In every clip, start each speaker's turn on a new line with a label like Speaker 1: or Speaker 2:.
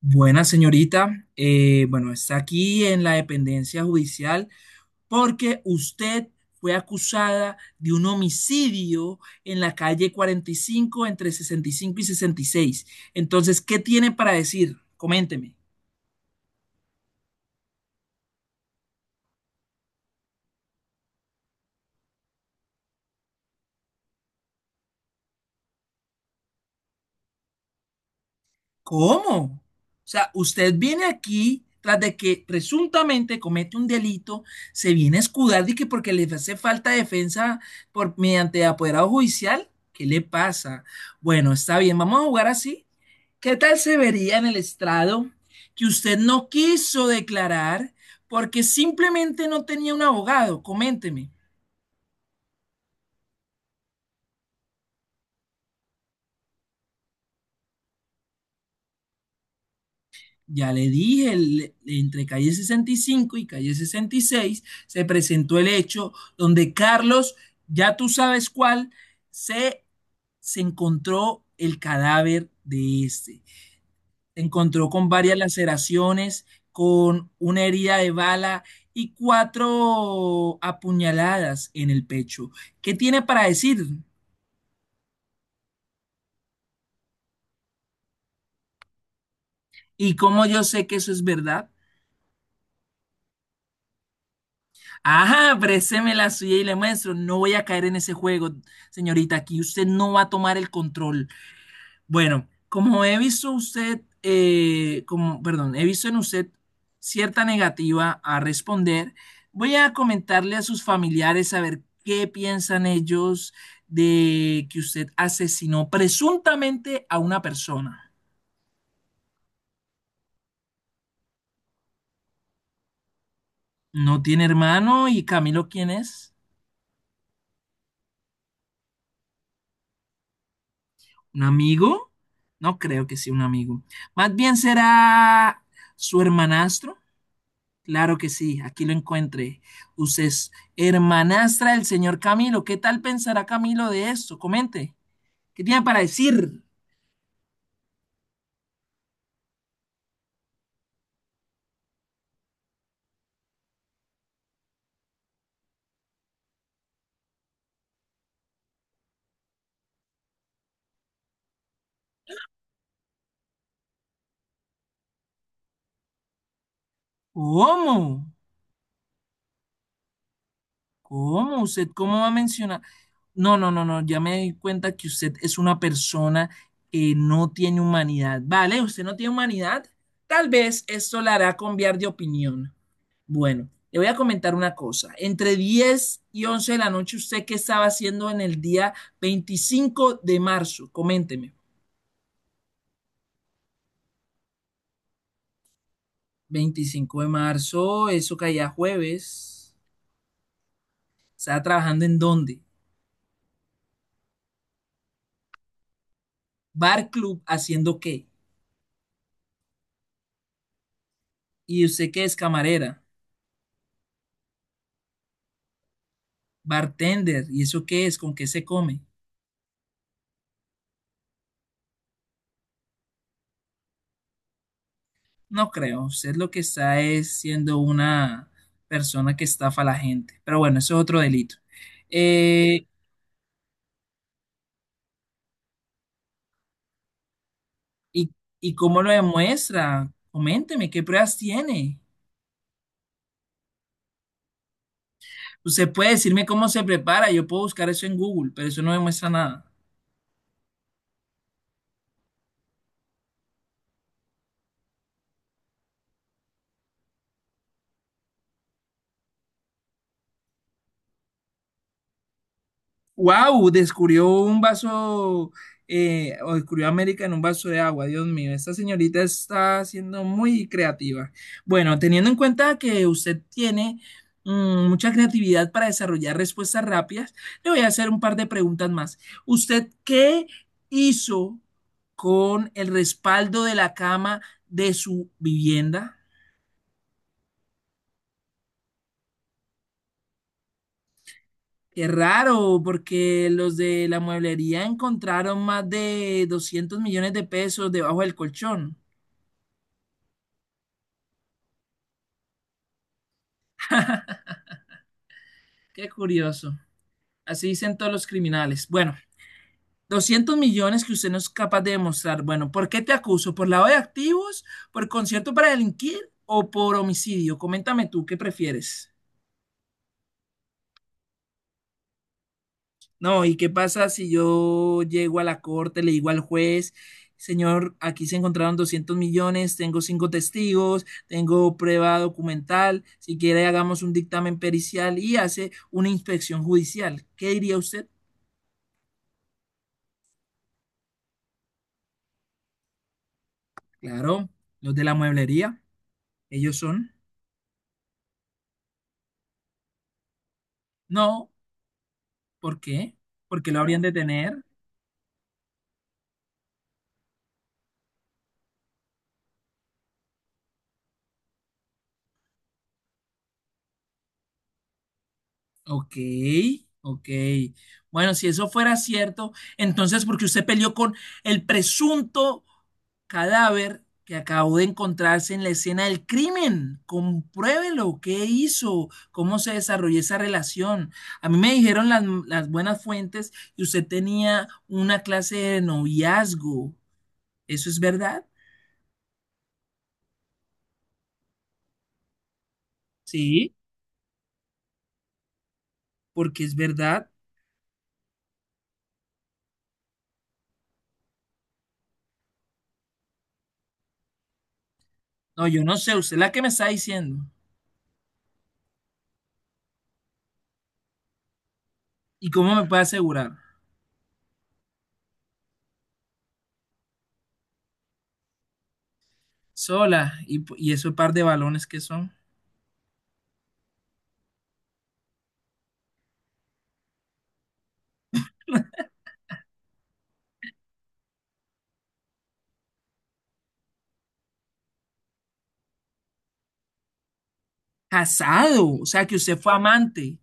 Speaker 1: Buena señorita. Bueno, está aquí en la dependencia judicial porque usted fue acusada de un homicidio en la calle 45 entre 65 y 66. Entonces, ¿qué tiene para decir? Coménteme. ¿Cómo? O sea, usted viene aquí tras de que presuntamente comete un delito, se viene a escudar de que porque le hace falta defensa por mediante apoderado judicial. ¿Qué le pasa? Bueno, está bien, vamos a jugar así. ¿Qué tal se vería en el estrado que usted no quiso declarar porque simplemente no tenía un abogado? Coménteme. Ya le dije, entre calle 65 y calle 66 se presentó el hecho donde Carlos, ya tú sabes cuál, se, se encontró el cadáver de este. Se encontró con varias laceraciones, con una herida de bala y cuatro apuñaladas en el pecho. ¿Qué tiene para decir? ¿Y cómo yo sé que eso es verdad? Ajá, présteme la suya y le muestro. No voy a caer en ese juego, señorita. Aquí usted no va a tomar el control. Bueno, como he visto usted, como, perdón, he visto en usted cierta negativa a responder, voy a comentarle a sus familiares a ver qué piensan ellos de que usted asesinó presuntamente a una persona. No tiene hermano y Camilo, ¿quién es? ¿Un amigo? No creo que sea un amigo. Más bien será su hermanastro. Claro que sí, aquí lo encuentre. Usted es hermanastra del señor Camilo. ¿Qué tal pensará Camilo de esto? Comente. ¿Qué tiene para decir? ¿Cómo? ¿Cómo? ¿Usted cómo va a mencionar? No, no, no, no. Ya me di cuenta que usted es una persona que no tiene humanidad. Vale, usted no tiene humanidad. Tal vez esto la hará cambiar de opinión. Bueno, le voy a comentar una cosa. Entre 10 y 11 de la noche, ¿usted qué estaba haciendo en el día 25 de marzo? Coménteme. 25 de marzo, eso caía jueves. ¿Estaba trabajando en dónde? Bar club, ¿haciendo qué? ¿Y usted qué es camarera? Bartender, ¿y eso qué es? ¿Con qué se come? No creo. Usted lo que está es siendo una persona que estafa a la gente. Pero bueno, eso es otro delito. Eh, ¿Y, y cómo lo demuestra? Coménteme, ¿qué pruebas tiene? Usted puede decirme cómo se prepara, yo puedo buscar eso en Google, pero eso no demuestra nada. Wow, descubrió un vaso, o descubrió América en un vaso de agua. Dios mío, esta señorita está siendo muy creativa. Bueno, teniendo en cuenta que usted tiene mucha creatividad para desarrollar respuestas rápidas, le voy a hacer un par de preguntas más. ¿Usted qué hizo con el respaldo de la cama de su vivienda? Qué raro, porque los de la mueblería encontraron más de 200 millones de pesos debajo del colchón. Qué curioso. Así dicen todos los criminales. Bueno, 200 millones que usted no es capaz de demostrar. Bueno, ¿por qué te acuso? ¿Por lavado de activos? ¿Por concierto para delinquir? ¿O por homicidio? Coméntame tú, ¿qué prefieres? No, ¿y qué pasa si yo llego a la corte, le digo al juez, señor, aquí se encontraron 200 millones, tengo cinco testigos, tengo prueba documental, si quiere hagamos un dictamen pericial y hace una inspección judicial? ¿Qué diría usted? Claro, los de la mueblería, ellos son. No, ¿por qué? ¿Por qué lo habrían de tener? Ok, ok. Bueno, si eso fuera cierto, entonces porque usted peleó con el presunto cadáver que acabó de encontrarse en la escena del crimen. Compruébelo, ¿qué hizo? ¿Cómo se desarrolló esa relación? A mí me dijeron las buenas fuentes que usted tenía una clase de noviazgo. ¿Eso es verdad? Sí, porque es verdad. No, yo no sé, usted es la que me está diciendo. ¿Y cómo me puede asegurar? Sola. Y ese par de balones que son casado. O sea, que usted fue amante.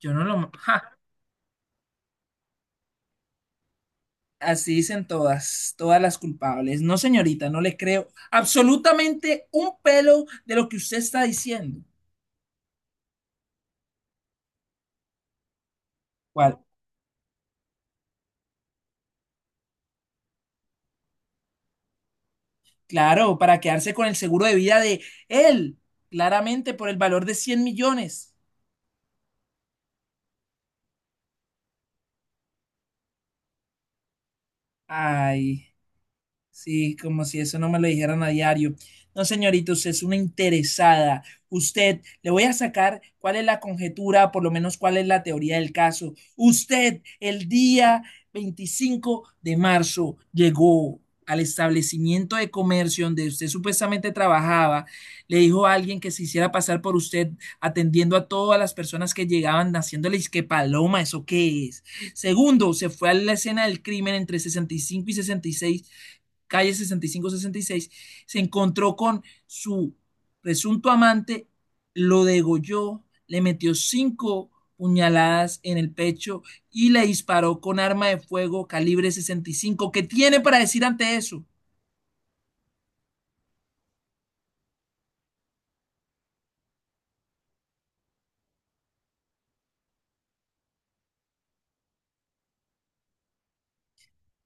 Speaker 1: Yo no lo. Ja, así dicen todas, todas las culpables. No, señorita, no le creo absolutamente un pelo de lo que usted está diciendo. ¿Cuál? Claro, para quedarse con el seguro de vida de él, claramente por el valor de 100 millones. Ay. Sí, como si eso no me lo dijeran a diario. No, señorita, usted es una interesada. Usted, le voy a sacar cuál es la conjetura, por lo menos cuál es la teoría del caso. Usted, el día 25 de marzo, llegó al establecimiento de comercio donde usted supuestamente trabajaba. Le dijo a alguien que se hiciera pasar por usted, atendiendo a todas las personas que llegaban, haciéndoles que paloma, ¿eso qué es? Segundo, se fue a la escena del crimen entre 65 y sesenta y seis calle 60 65 66 se encontró con su presunto amante, lo degolló, le metió cinco puñaladas en el pecho y le disparó con arma de fuego calibre 65. ¿Qué tiene para decir ante eso?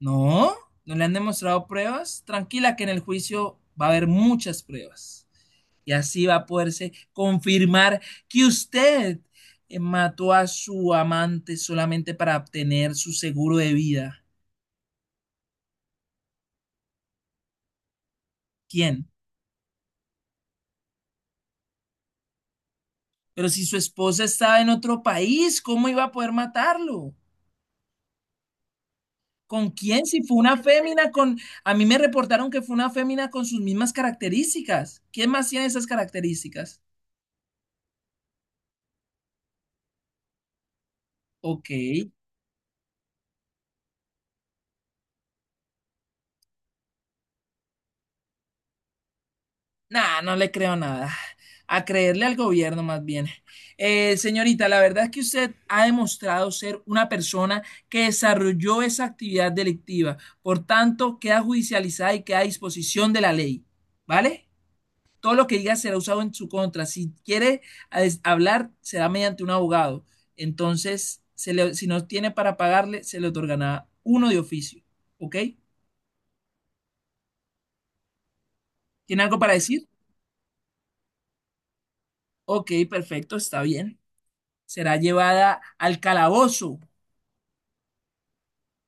Speaker 1: No, no le han demostrado pruebas. Tranquila que en el juicio va a haber muchas pruebas. Y así va a poderse confirmar que usted mató a su amante solamente para obtener su seguro de vida. ¿Quién? Pero si su esposa estaba en otro país, ¿cómo iba a poder matarlo? ¿Con quién? Si fue una fémina. Con... A mí me reportaron que fue una fémina con sus mismas características. ¿Quién más tiene esas características? Ok. Nah, no le creo nada. A creerle al gobierno más bien. Señorita, la verdad es que usted ha demostrado ser una persona que desarrolló esa actividad delictiva. Por tanto, queda judicializada y queda a disposición de la ley. ¿Vale? Todo lo que diga será usado en su contra. Si quiere hablar, será mediante un abogado. Entonces, si no tiene para pagarle, se le otorgará uno de oficio. ¿Ok? ¿Tiene algo para decir? Ok, perfecto, está bien. Será llevada al calabozo.